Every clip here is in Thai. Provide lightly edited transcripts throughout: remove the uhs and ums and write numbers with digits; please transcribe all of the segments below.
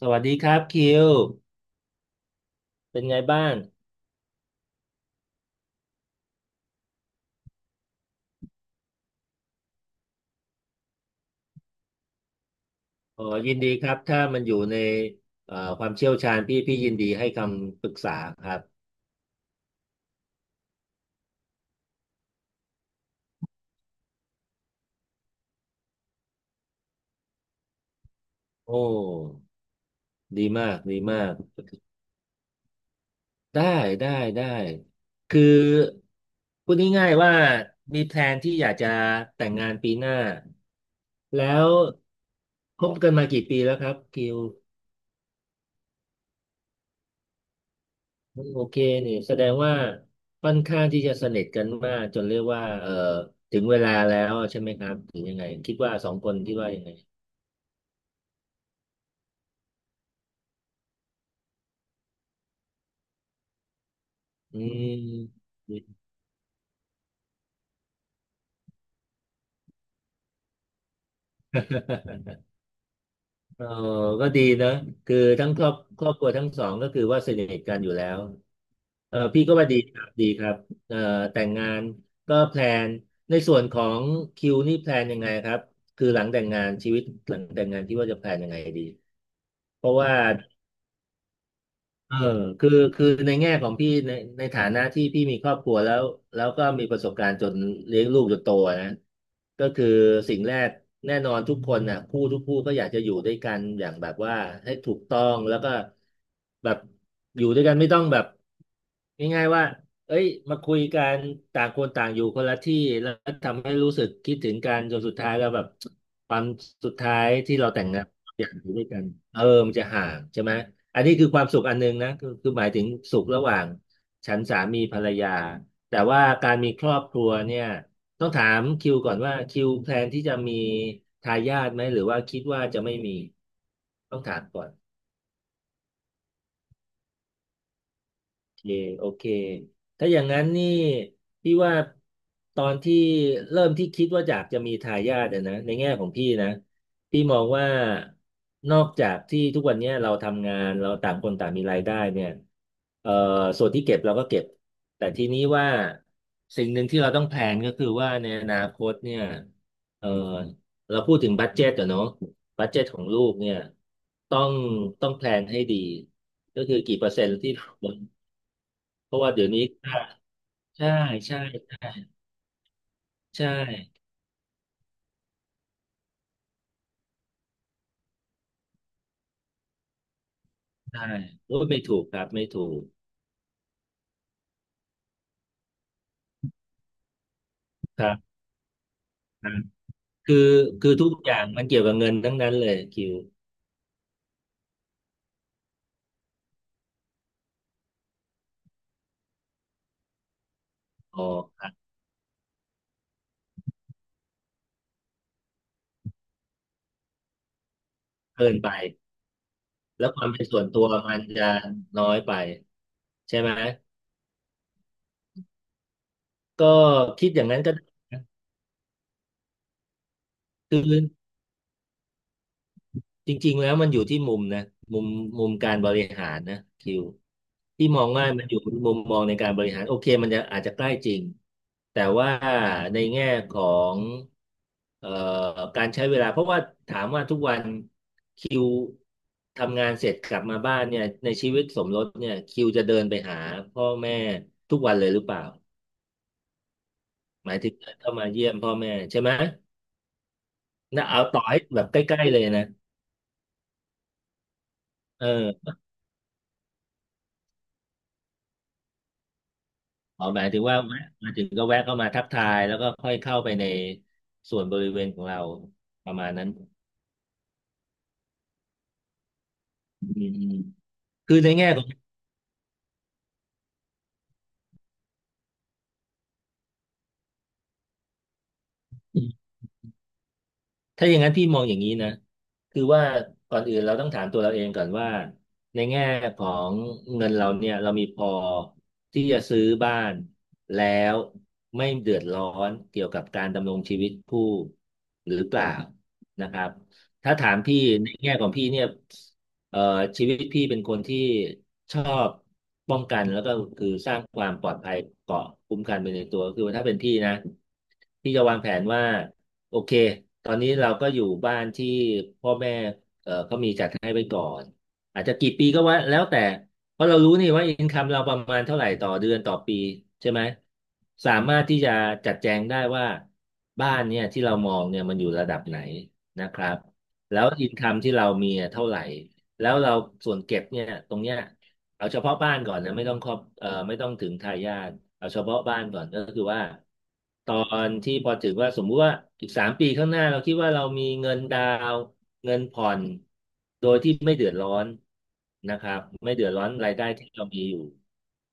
สวัสดีครับคิวเป็นไงบ้างอ๋อยินดีครับถ้ามันอยู่ในความเชี่ยวชาญพี่ยินดีให้คำปรึกษาครับโอ้ดีมากดีมากได้ได้ได้คือพูดง่ายๆว่ามีแพลนที่อยากจะแต่งงานปีหน้าแล้วคบกันมากี่ปีแล้วครับคิว โอเคนี่แสดงว่าค่อนข้างที่จะสนิทกันมากจนเรียกว่าเออถึงเวลาแล้วใช่ไหมครับหรือยังไงคิดว่าสองคนคิดว่ายังไงอืมเออก็ดีนะคือทั้งครอบครัวทั้งสองก็คือว่าสนิทกันอยู่แล้วเออพี่ก็ว่าดีครับดีครับเออแต่งงานก็แพลนในส่วนของคิวนี่แพลนยังไงครับคือหลังแต่งงานชีวิตหลังแต่งงานที่ว่าจะแพลนยังไงดีเพราะว่า เออคือในแง่ของพี่ในฐานะที่พี่มีครอบครัวแล้วแล้วก็มีประสบการณ์จนเลี้ยงลูกจนโตนะก็คือสิ่งแรกแน่นอนทุกคนน่ะคู่ทุกคู่ก็อยากจะอยู่ด้วยกันอย่างแบบว่าให้ถูกต้องแล้วก็แบบอยู่ด้วยกันไม่ต้องแบบง่ายๆว่าเอ้ยมาคุยกันต่างคนต่างอยู่คนละที่แล้วทำให้รู้สึกคิดถึงกันจนสุดท้ายแล้วแบบความสุดท้ายที่เราแต่งงาน อย่างอยู่ด้วยกันเออมันจะห่างใช่ไหม อันนี้คือความสุขอันหนึงนะคือหมายถึงสุขระหว่างฉันสามีภรรยา แต่ว่าการมีครอบครัวเนี่ยต้องถามคิวก่อนว่าคิวแพลนที่จะมีทายาทไหมหรือว่าคิดว่าจะไม่มีต้องถามก่อน เคโอเคถ้าอย่างนั้นนี่พี่ว่าตอนที่เริ่มที่คิดว่าอยากจะมีทายาทอะนะในแง่ของพี่นะพี่มองว่านอกจากที่ทุกวันเนี้ยเราทำงานเราต่างคนต่างมีรายได้เนี่ยเอ่อส่วนที่เก็บเราก็เก็บแต่ทีนี้ว่าสิ่งหนึ่งที่เราต้องแพลนก็คือว่าในอนาคตเนี่ยเอ่อเราพูดถึงบัดเจ็ตอะเนาะบัดเจ็ตของลูกเนี่ยต้องต้องแพลนให้ดีก็คือกี่เปอร์เซ็นต์ที่ เพราะว่าเดี๋ยวนี้ค่าใช่ใช่ใช่ใช่ใช่โอ้ยไม่ถูกครับ ไม่ถูกครับครับคือคือทุกอย่างมันเกี่ยวกับเงินทั้งนั้นเลยคิวอ๋อครับเกินไปแล้วความเป็นส่วนตัวมันจะน้อยไปใช่ไหมก็คิดอย่างนั้นก็ได้นะคือ จริงๆแล้วมันอยู่ที่มุมนะมุมมุมการบริหารนะคิวที่มองว่ามันอยู่มุมมองในการบริหารโอเคมันจะอาจจะใกล้จริงแต่ว่าในแง่ของเอ่อการใช้เวลาเพราะว่าถามว่าทุกวันคิวทำงานเสร็จกลับมาบ้านเนี่ยในชีวิตสมรสเนี่ยคิวจะเดินไปหาพ่อแม่ทุกวันเลยหรือเปล่าหมายถึงเดินเข้ามาเยี่ยมพ่อแม่ใช่ไหมนะเอาต่อให้แบบใกล้ๆเลยนะเออ อ๋อหมายถึงว่าแวะมาถึงก็แวะเข้ามาทักทายแล้วก็ค่อยเข้าไปในส่วนบริเวณของเราประมาณนั้นอืมๆคือในแง่ของ ถ้าอย่างนั้นพี่มองอย่างนี้นะคือว่าก่อนอื่นเราต้องถามตัวเราเองก่อนว่าในแง่ของเงินเราเนี่ยเรามีพอที่จะซื้อบ้านแล้วไม่เดือดร้อนเกี่ยวกับการดำรงชีวิตผู้หรือเปล่านะครับถ้าถามพี่ในแง่ของพี่เนี่ยเอ่อชีวิตพี่เป็นคนที่ชอบป้องกันแล้วก็คือสร้างความปลอดภัยเกาะคุ้มกันไปในตัวคือว่าถ้าเป็นพี่นะพี่จะวางแผนว่า โอเคตอนนี้เราก็อยู่บ้านที่พ่อแม่เขามีจัดให้ไว้ก่อนอาจจะกี่ปีก็ว่าแล้วแต่เพราะเรารู้นี่ว่าอินคัมเราประมาณเท่าไหร่ต่อเดือนต่อปีใช่ไหมสามารถที่จะจัดแจงได้ว่าบ้านเนี่ยที่เรามองเนี่ยมันอยู่ระดับไหนนะครับ แล้วอินคัมที่เรามีอะเท่าไหร่ แล้วเราส่วนเก็บเนี่ยตรงเนี้ย เอาเฉพาะบ้านก่อนนะไม่ต้องครอบเอ่อไม่ต้องถึงทายาทเอาเฉพาะบ้านก่อนก็คือว่าตอนที่พอถึงว่าสมมุติว่าอีก3 ปีข้างหน้าเราคิดว่าเรามีเงินดาวน์เงินผ่อนโดยที่ไม่เดือดร้อนนะครับไม่เดือดร้อนรายได้ที่เรามีอยู่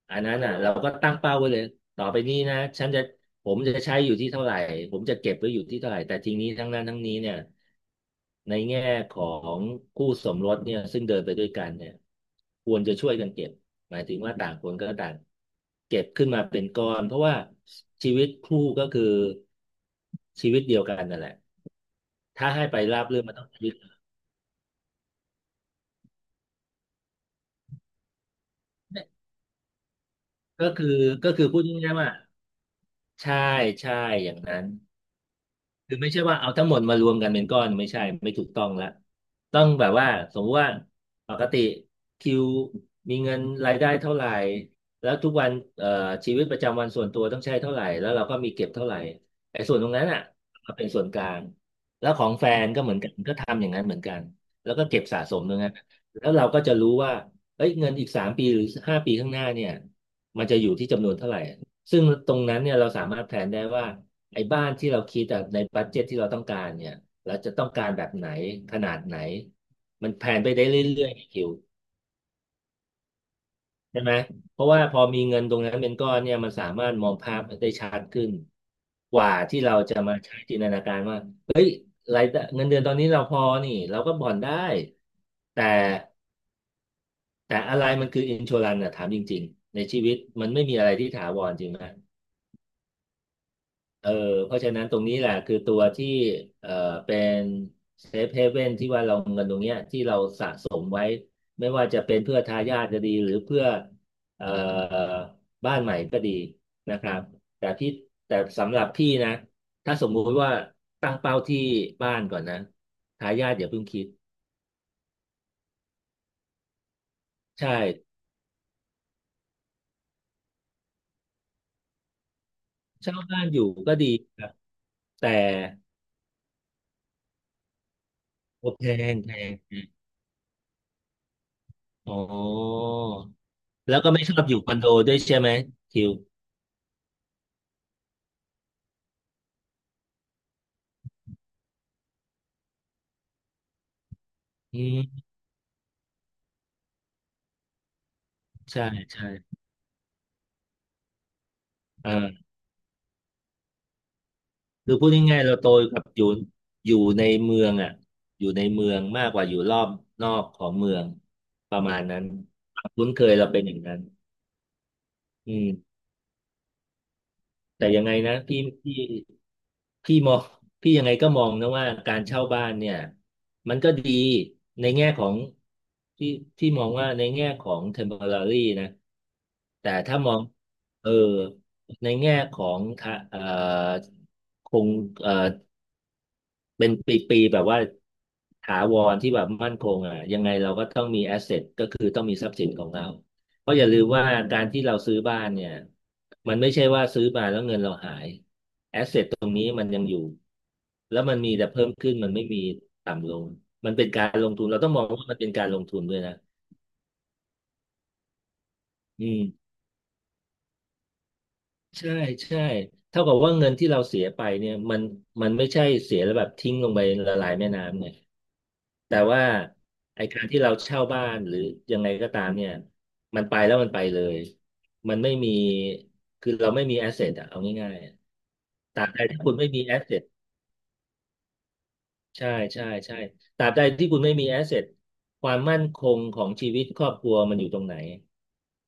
อันนั้นอ่ะเราก็ตั้งเป้าไว้เลยต่อไปนี้นะฉันจะ ผมจะใช้อยู่ที่เท่าไหร่ ผมจะเก็บไว้อยู่ที่เท่าไหร่แต่ทีนี้ทั้งนั้นทั้งนี้เนี่ยในแง่ของคู่สมรสเนี่ยซึ่งเดินไปด้วยกันเนี่ยควรจะช่วยกันเก็บหมายถึงว่าต่างคนก็ต่างเก็บขึ้นมาเป็นก้อนเพราะว่าชีวิตคู่ก็คือชีวิตเดียวกันนั่นแหละถ้าให้ไปราบรื่นมันต้องชีวิตก็คือก็คือพูดง่ายๆว่าใช่ใช่อย่างนั้น คือไม่ใช่ว่าเอาทั้งหมดมารวมกันเป็นก้อนไม่ใช่ไม่ถูกต้องละต้องแบบว่าสมมติว่าปกติคิวมีเงินรายได้เท่าไหร่แล้วทุกวันเอ่อชีวิตประจำวันส่วนตัวต้องใช้เท่าไหร่แล้วเราก็มีเก็บเท่าไหร่ไอ้ส่วนตรงนั้นอ่ะมาเป็นส่วนกลางแล้วของแฟนก็เหมือนกันก็ทำอย่างนั้นเหมือนกันแล้วก็เก็บสะสมตรงนั้นแล้วเราก็จะรู้ว่าเอ้ยเงินอีกสามปีหรือห้าปีข้างหน้าเนี่ยมันจะอยู่ที่จำนวนเท่าไหร่ซึ่งตรงนั้นเนี่ยเราสามารถแผนได้ว่า ไอ้บ้านที่เราคิดแต่ในบัดเจ็ตที่เราต้องการเนี่ยเราจะต้องการแบบไหนขนาดไหนมันแผนไปได้เรื่อยๆไงคิวใช่ไหมเพราะว่าพอมีเงินตรงนั้นเป็นก้อนเนี่ยมันสามารถมองภาพได้ชัดขึ้นกว่าที่เราจะมาใช้จินตนาการว่ารายได้เงินเดือนตอนนี้เราพอนี่เราก็ผ่อนได้แต่แต่อะไรมันคืออินช r รันอะถามจริงๆในชีวิตมันไม่มีอะไรที่ถาวรจริงไหม เออเพราะฉะนั้นตรงนี้แหละคือตัวที่เออเป็นเซฟเฮเว่นที่ว่าเราเงินตรงเนี้ยที่เราสะสมไว้ไม่ว่าจะเป็นเพื่อทายาทก็ดีหรือเพื่อเอ่อบ้านใหม่ก็ดีนะครับแต่พี่แต่สำหรับพี่นะถ้าสมมุติว่าตั้งเป้าที่บ้านก่อนนะทายาทอย่าเพิ่งคิดใช่เช่าบ้านอยู่ก็ดีครับแต่โอแพงแพงอ๋อแล้วก็ไม่ชอบอยู่คอนโดด้วยใช่ไหมคิวอืม ใช่ใช่เออคือพูดง่ายๆเราโตกับอยู่อยู่ในเมืองอ่ะอยู่ในเมืองมากกว่าอยู่รอบนอกของเมืองประมาณนั้นความคุ้นเคยเราเป็นอย่างนั้นอืมแต่ยังไงนะพี่พี่พี่มองพี่ยังไงก็มองนะว่าการเช่าบ้านเนี่ยมันก็ดีในแง่ของที่ที่มองว่าในแง่ของ temporary นะแต่ถ้ามองเออในแง่ของทะคงเอ่อ เป็นปีๆแบบว่าถาวรที่แบบมั่นคงอ่ะยังไงเราก็ต้องมีแอสเซทก็คือต้องมีทรัพย์สินของเราเพราะอย่าลืมว่าการที่เราซื้อบ้านเนี่ยมันไม่ใช่ว่าซื้อมาแล้วเงินเราหายตรงนี้มันยังอยู่แล้วมันมีแต่เพิ่มขึ้นมันไม่มีต่ำลงมันเป็นการลงทุนเราต้องมองว่ามันเป็นการลงทุนด้วยนะอืม ใช่ใช่เท่ากับว่าเงินที่เราเสียไปเนี่ยมันไม่ใช่เสียแล้วแบบทิ้งลงไปละลายแม่น้ำไงแต่ว่าไอการที่เราเช่าบ้านหรือยังไงก็ตามเนี่ยมันไปแล้วมันไปเลยมันไม่มีคือเราไม่มีแอสเซทอะเอาง่ายๆอะตราบใดที่คุณไม่มีแอสเซท ใช่ใช่ใช่ตราบใดที่คุณไม่มีแอสเซทความมั่นคงของชีวิตครอบครัวมันอยู่ตรงไหน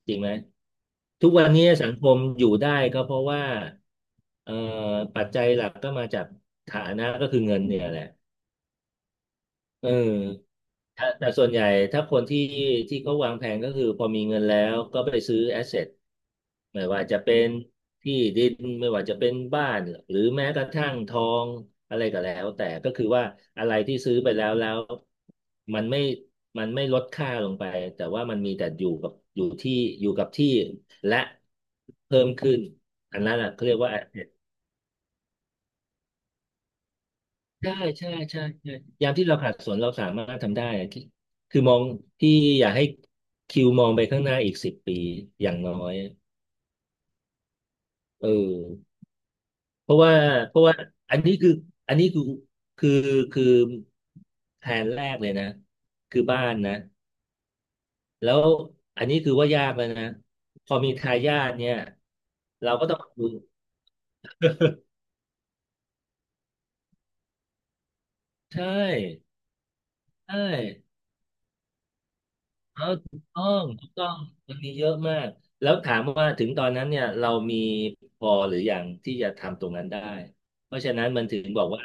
จริงไหมทุกวันนี้สังคมอยู่ได้ก็เพราะว่าเอ่อปัจจัยหลักก็มาจากฐานะก็คือเงินเนี่ยแหละ เออแต่ส่วนใหญ่ถ้าคนที่ที่เขาวางแผนก็คือพอมีเงินแล้วก็ไปซื้อแอสเซทไม่ว่าจะเป็นที่ดินไม่ว่าจะเป็นบ้านหรือแม้กระทั่งทองอะไรก็แล้วแต่ก็คือว่าอะไรที่ซื้อไปแล้วแล้วมันไม่มันไม่ลดค่าลงไปแต่ว่ามันมีแต่อยู่กับอยู่ที่อยู่กับที่และเพิ่มขึ้นอันนั้นอ่ะเขาเรียกว่า ใช่ใช่ใช่ใช่ยามที่เราขัดสนเราสามารถทำได้อะที่คือมองที่อยากให้คิวมองไปข้างหน้าอีกสิบปีอย่างน้อยเออเพราะว่าเพราะว่าอันนี้คืออันนี้คือคือคือแผนแรกเลยนะคือบ้านนะแล้วอันนี้คือว่ายากแล้วนะพอมีทายาทเนี่ยเราก็ต้องดูใช่ใช่ เออถูกต้องมันมีเยอะมากแล้วถามว่าถึงตอนนั้นเนี่ยเรามีพอหรือยังที่จะทำตรงนั้นได้เพราะฉะนั้นมันถึงบอกว่า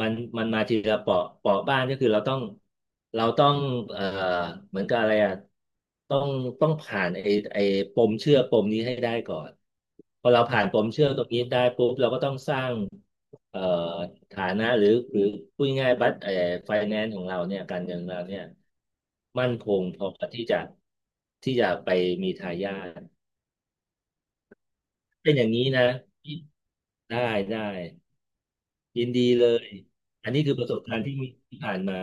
มันมันมาทีละเปาะบ้านก็คือเราต้องเอ่อเหมือนกับอะไรอ่ะต้องต้องผ่านไอ้ปมเชื่อปมนี้ให้ได้ก่อนพอเราผ่านปมเชื่อตรงนี้ได้ปุ๊บเราก็ต้องสร้าง เอ่อฐานะหรือพูดง่ายๆบัตรไฟแนนซ์ของเราเนี่ยการเงินของเราเนี่ยมั่นคงพอที่จะที่จะไปมีทายาทเป็นอย่างนี้นะได้ได้ยินดีเลยอันนี้คือประสบการณ์ที่มีที่ผ่านมา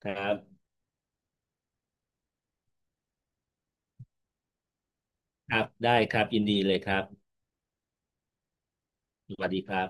ครับครับได้ครับยินดีเลยครับสวัสดีครับ